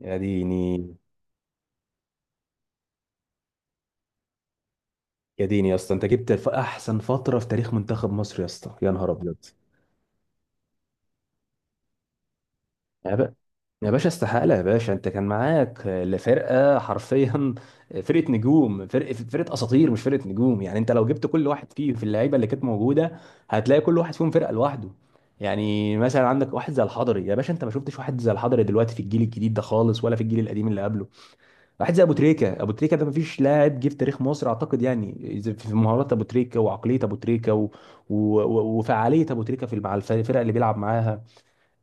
يا ديني، يا ديني يا اسطى، انت جبت احسن فتره في تاريخ منتخب مصر يا اسطى، يا نهار ابيض. يا بقى، يا باشا استحاله، يا باشا انت كان معاك لفرقه حرفيا. فرقه نجوم، فرقه اساطير، مش فرقه نجوم. يعني انت لو جبت كل واحد فيه في اللعيبه اللي كانت موجوده، هتلاقي كل واحد فيهم فرقه لوحده. يعني مثلا عندك واحد زي الحضري، يا باشا انت ما شفتش واحد زي الحضري دلوقتي في الجيل الجديد ده خالص، ولا في الجيل القديم اللي قبله. واحد زي ابو تريكه، ابو تريكه ده مفيش لاعب جه في تاريخ مصر اعتقد. يعني إذا في مهارات ابو تريكه وعقليه ابو تريكه و... و... و- وفعاليه ابو تريكه في مع الفرق اللي بيلعب معاها.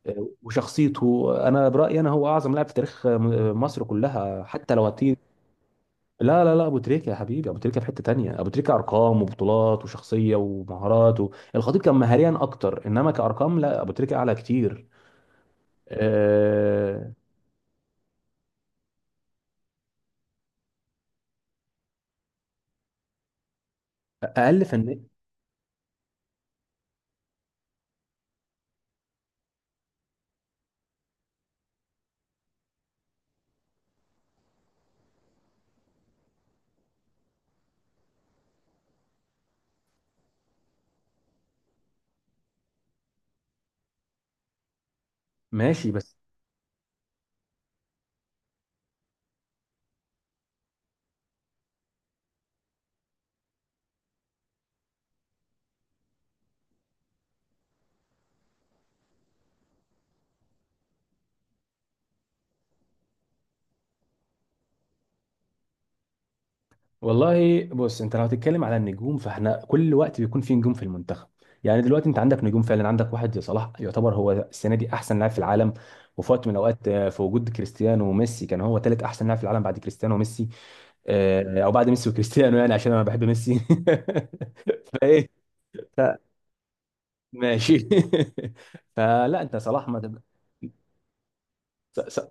وشخصيته، انا برايي انا هو اعظم لاعب في تاريخ مصر كلها حتى لو هتيجي. لا لا لا، ابو تريكه يا حبيبي، ابو تريكه في حته تانية، ابو تريكه ارقام وبطولات وشخصيه ومهارات الخطيب كان مهاريا اكتر، انما كارقام لا، ابو تريكه اعلى كتير. آه، اقل فنان. ماشي بس. والله بص، انت لو هتتكلم على النجوم فاحنا كل وقت بيكون في نجوم في المنتخب. يعني دلوقتي انت عندك نجوم فعلا، عندك واحد زي صلاح يعتبر هو السنه دي احسن لاعب في العالم. وفي وقت من الاوقات في وجود كريستيانو وميسي كان هو ثالث احسن لاعب في العالم بعد كريستيانو وميسي. او بعد ميسي وكريستيانو، يعني عشان انا بحب ميسي. فايه. ف- ماشي. فلا انت صلاح ما تب...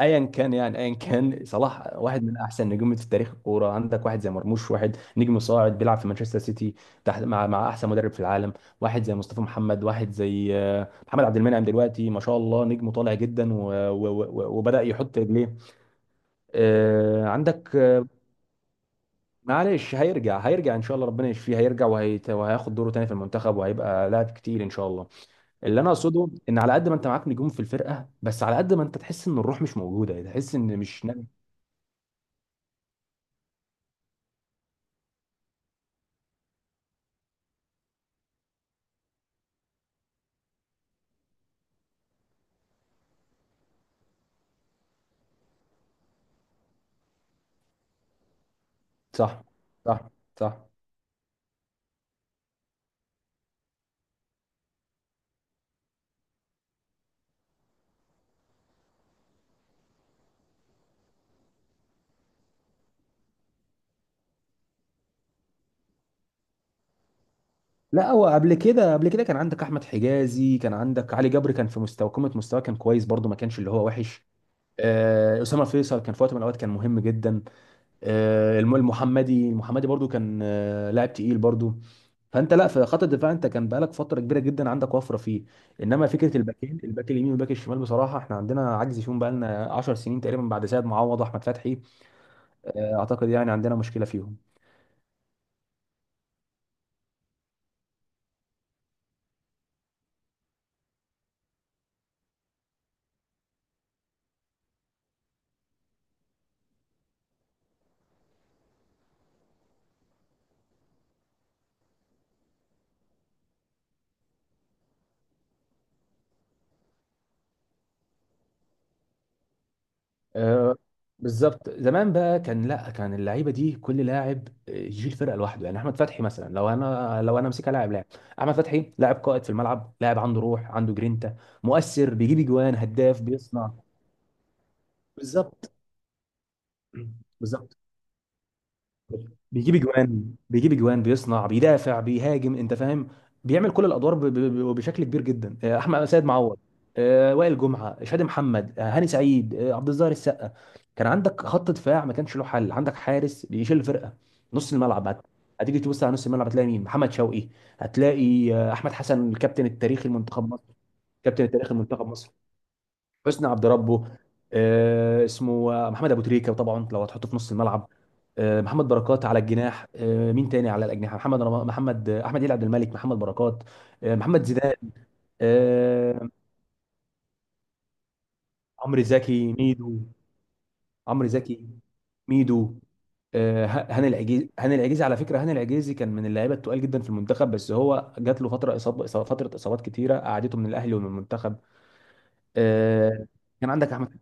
ايا كان، يعني ايا كان، صلاح واحد من احسن نجوم في تاريخ الكوره. عندك واحد زي مرموش، واحد نجم صاعد بيلعب في مانشستر سيتي تحت مع احسن مدرب في العالم. واحد زي مصطفى محمد، واحد زي محمد عبد المنعم دلوقتي ما شاء الله نجم طالع جدا و... و... و... وبدأ يحط رجليه. آه، عندك آه، معلش، هيرجع ان شاء الله، ربنا يشفيه، هيرجع وهياخد دوره تاني في المنتخب وهيبقى لاعب كتير ان شاء الله. اللي انا اقصده ان على قد ما انت معاك نجوم في الفرقه، بس على قد ما انت تحس ان الروح مش موجوده، تحس ان مش. صح، صح، صح. لا، هو قبل كده كان عندك احمد حجازي، كان عندك علي جبر كان في مستوى قمه، مستوى كان كويس برضه، ما كانش اللي هو وحش. اسامه فيصل كان في وقت من الاوقات كان مهم جدا. المحمدي، برضه كان لاعب تقيل برضه. فانت لا في خط الدفاع، انت كان بقالك فتره كبيره جدا عندك وفره فيه. انما فكره الباكين، الباك اليمين والباك الشمال، بصراحه احنا عندنا عجز فيهم بقالنا 10 سنين تقريبا بعد سيد معوض واحمد فتحي. اعتقد يعني عندنا مشكله فيهم. آه، بالظبط. زمان بقى كان، لا، كان اللعيبه دي كل لاعب يشيل فرقه لوحده. يعني احمد فتحي مثلا، لو انا مسكها، لاعب لاعب. احمد فتحي لاعب قائد في الملعب، لاعب عنده روح، عنده جرينتا، مؤثر، بيجيب اجوان، هداف، بيصنع. بالظبط، بالظبط. بيجيب اجوان، بيصنع، بيدافع، بيهاجم، انت فاهم؟ بيعمل كل الادوار بشكل كبير جدا. احمد، سيد معوض، وائل جمعه، شادي محمد، هاني سعيد، عبد الظاهر السقا. كان عندك خط دفاع ما كانش له حل، عندك حارس بيشيل الفرقه. نص الملعب هتيجي تبص على نص الملعب، هتلاقي مين؟ محمد شوقي. هتلاقي احمد حسن الكابتن التاريخي لمنتخب مصر، كابتن التاريخي لمنتخب مصر، حسني عبد ربه. اسمه محمد ابو تريكه طبعا لو هتحطه في نص الملعب. محمد بركات على الجناح. مين تاني على الاجنحه؟ محمد، احمد عيد عبد الملك، محمد بركات، محمد زيدان، آه، عمرو زكي، ميدو، عمرو زكي، ميدو. هاني العجيزي، على فكره هاني العجيزي كان من اللعيبه التقال جدا في المنتخب، بس هو جات له فتره اصابات كتيره قعدته من الاهلي ومن المنتخب. آه، كان عندك احمد.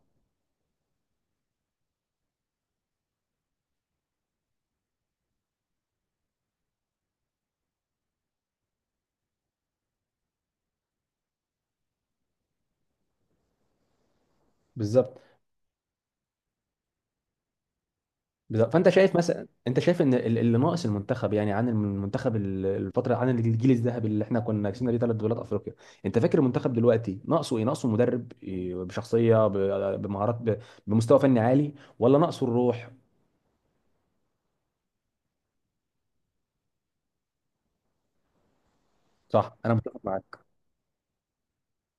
بالظبط، بالظبط. فانت شايف مثلا، انت شايف ان اللي ناقص المنتخب، يعني عن المنتخب، الفتره عن الجيل الذهبي اللي احنا كنا كسبنا بيه ثلاث دوريات افريقيا. انت فاكر المنتخب دلوقتي ناقصه ايه؟ ناقصه مدرب إيه، بشخصيه، بمهارات، بمستوى فني عالي؟ ولا ناقصه الروح؟ صح، انا متفق معاك.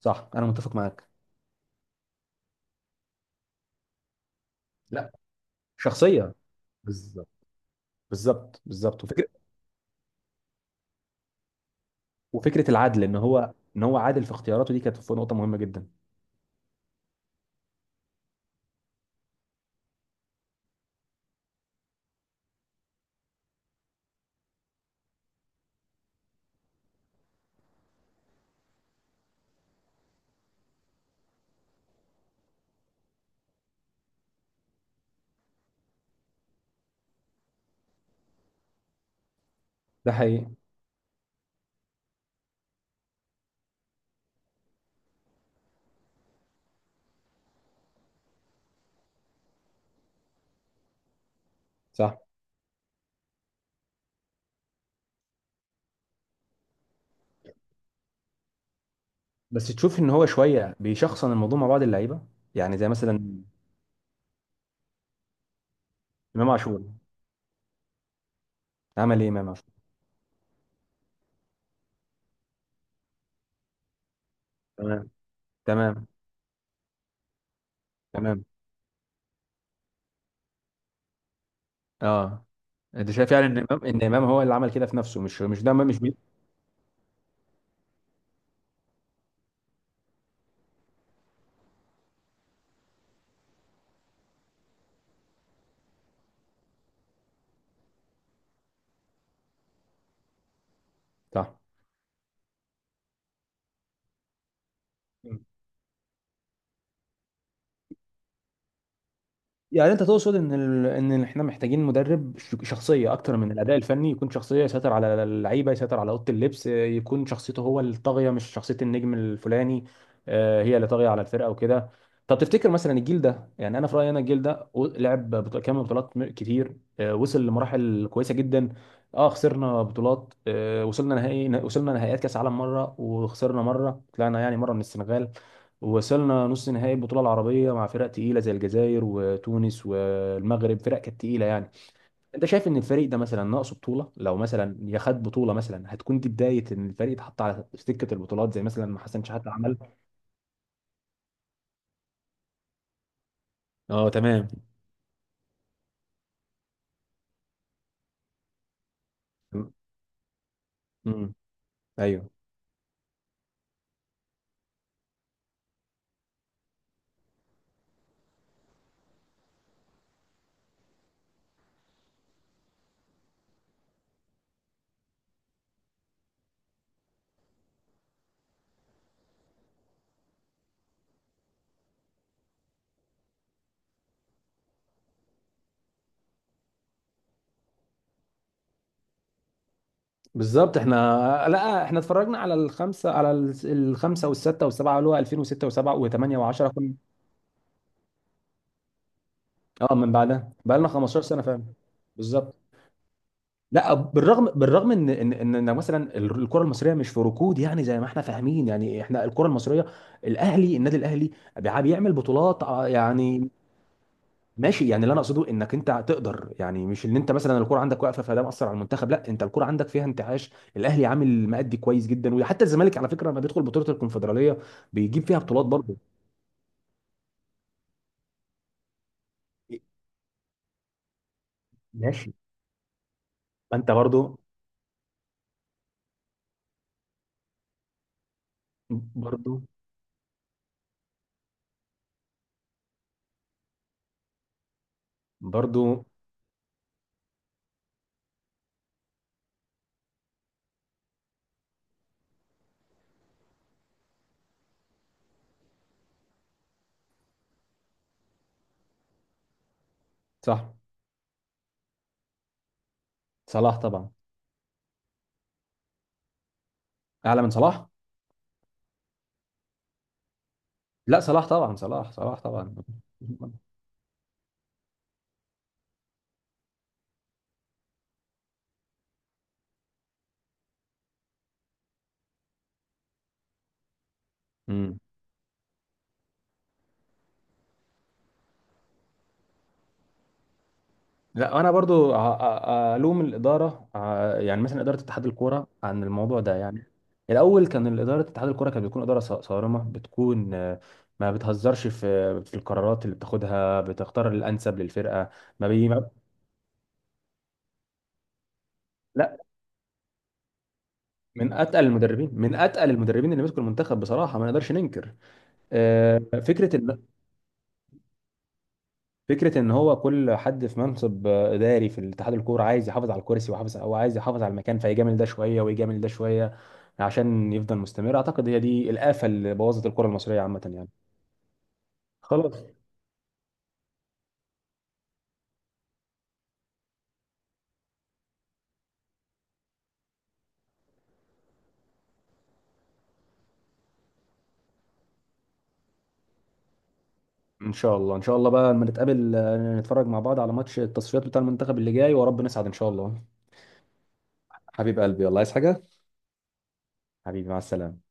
صح، انا متفق معاك. لا. شخصيه. بالظبط، بالظبط، بالظبط. وفكره. العدل، ان هو عادل في اختياراته، دي كانت نقطه مهمه جدا. ده حقيقي. صح. بس تشوف ان هو شويه بيشخصن الموضوع مع بعض اللعيبه. يعني زي مثلا امام عاشور، عمل ايه امام عاشور؟ تمام، تمام، تمام، اه. انت شايف يعني ان امام، هو اللي عمل كده في نفسه، مش ده مش صح. يعني انت تقصد ان ان احنا محتاجين مدرب شخصيه اكتر من الاداء الفني، يكون شخصيه يسيطر على اللعيبه، يسيطر على اوضه اللبس، يكون شخصيته هو الطاغيه مش شخصيه النجم الفلاني. هي اللي طاغيه على الفرقه وكده. طب تفتكر مثلا الجيل ده، يعني انا في رايي انا الجيل ده لعب كام بطولات كتير، وصل لمراحل كويسه جدا. اه خسرنا بطولات، وصلنا نهائيات كاس عالم مره وخسرنا مره، طلعنا يعني مره من السنغال. ووصلنا نص نهائي البطوله العربيه مع فرق تقيله زي الجزائر وتونس والمغرب، فرق كانت تقيله يعني. انت شايف ان الفريق ده مثلا ناقصه بطوله؟ لو مثلا يا خد بطوله مثلا، هتكون دي بدايه ان الفريق اتحط على سكه البطولات زي مثلا ما حسن شحاته عمل. اه، تمام. امم. ايوه. بالظبط. احنا، لا احنا اتفرجنا على الخمسه والسته والسبعه اللي هو 2006 و7 و8 و10. اه من بعدها بقى لنا 15 سنه فعلا. بالظبط. لا بالرغم، ان إن مثلا الكره المصريه مش في ركود، يعني زي ما احنا فاهمين. يعني احنا الكره المصريه، النادي الاهلي بيعمل بطولات، يعني. ماشي. يعني اللي انا اقصده انك انت تقدر، يعني مش ان انت مثلا الكره عندك واقفه فده مأثر على المنتخب، لا انت الكره عندك فيها انتعاش. الاهلي عامل مأدي كويس جدا، وحتى الزمالك على فكره لما بيدخل بطوله الكونفدراليه بيجيب فيها بطولات برضه. ماشي. ما انت برضه، برضه، برضه. صح. صلاح طبعا. اعلى من صلاح؟ لا، صلاح طبعا، صلاح، صلاح طبعا. امم. لا انا برضو الوم الاداره، يعني مثلا اداره اتحاد الكوره عن الموضوع ده يعني. الاول كان الاداره اتحاد الكوره كانت بتكون اداره صارمه، بتكون ما بتهزرش في القرارات اللي بتاخدها، بتختار الانسب للفرقه. ما بي ما- لا، من اتقل المدربين، اللي مسكوا المنتخب بصراحه ما نقدرش ننكر. آه، فكره ان فكره ان هو كل حد في منصب اداري في الاتحاد الكوره عايز يحافظ على الكرسي، ويحافظ او عايز يحافظ على المكان، فيجامل ده شويه ويجامل ده شويه عشان يفضل مستمر. اعتقد هي دي الافه اللي بوظت الكره المصريه عامه يعني. خلاص. ان شاء الله، ان شاء الله بقى لما نتقابل نتفرج مع بعض على ماتش التصفيات بتاع المنتخب اللي جاي، ورب نسعد ان شاء الله. حبيب قلبي والله عايز حاجة. حبيبي مع السلامه.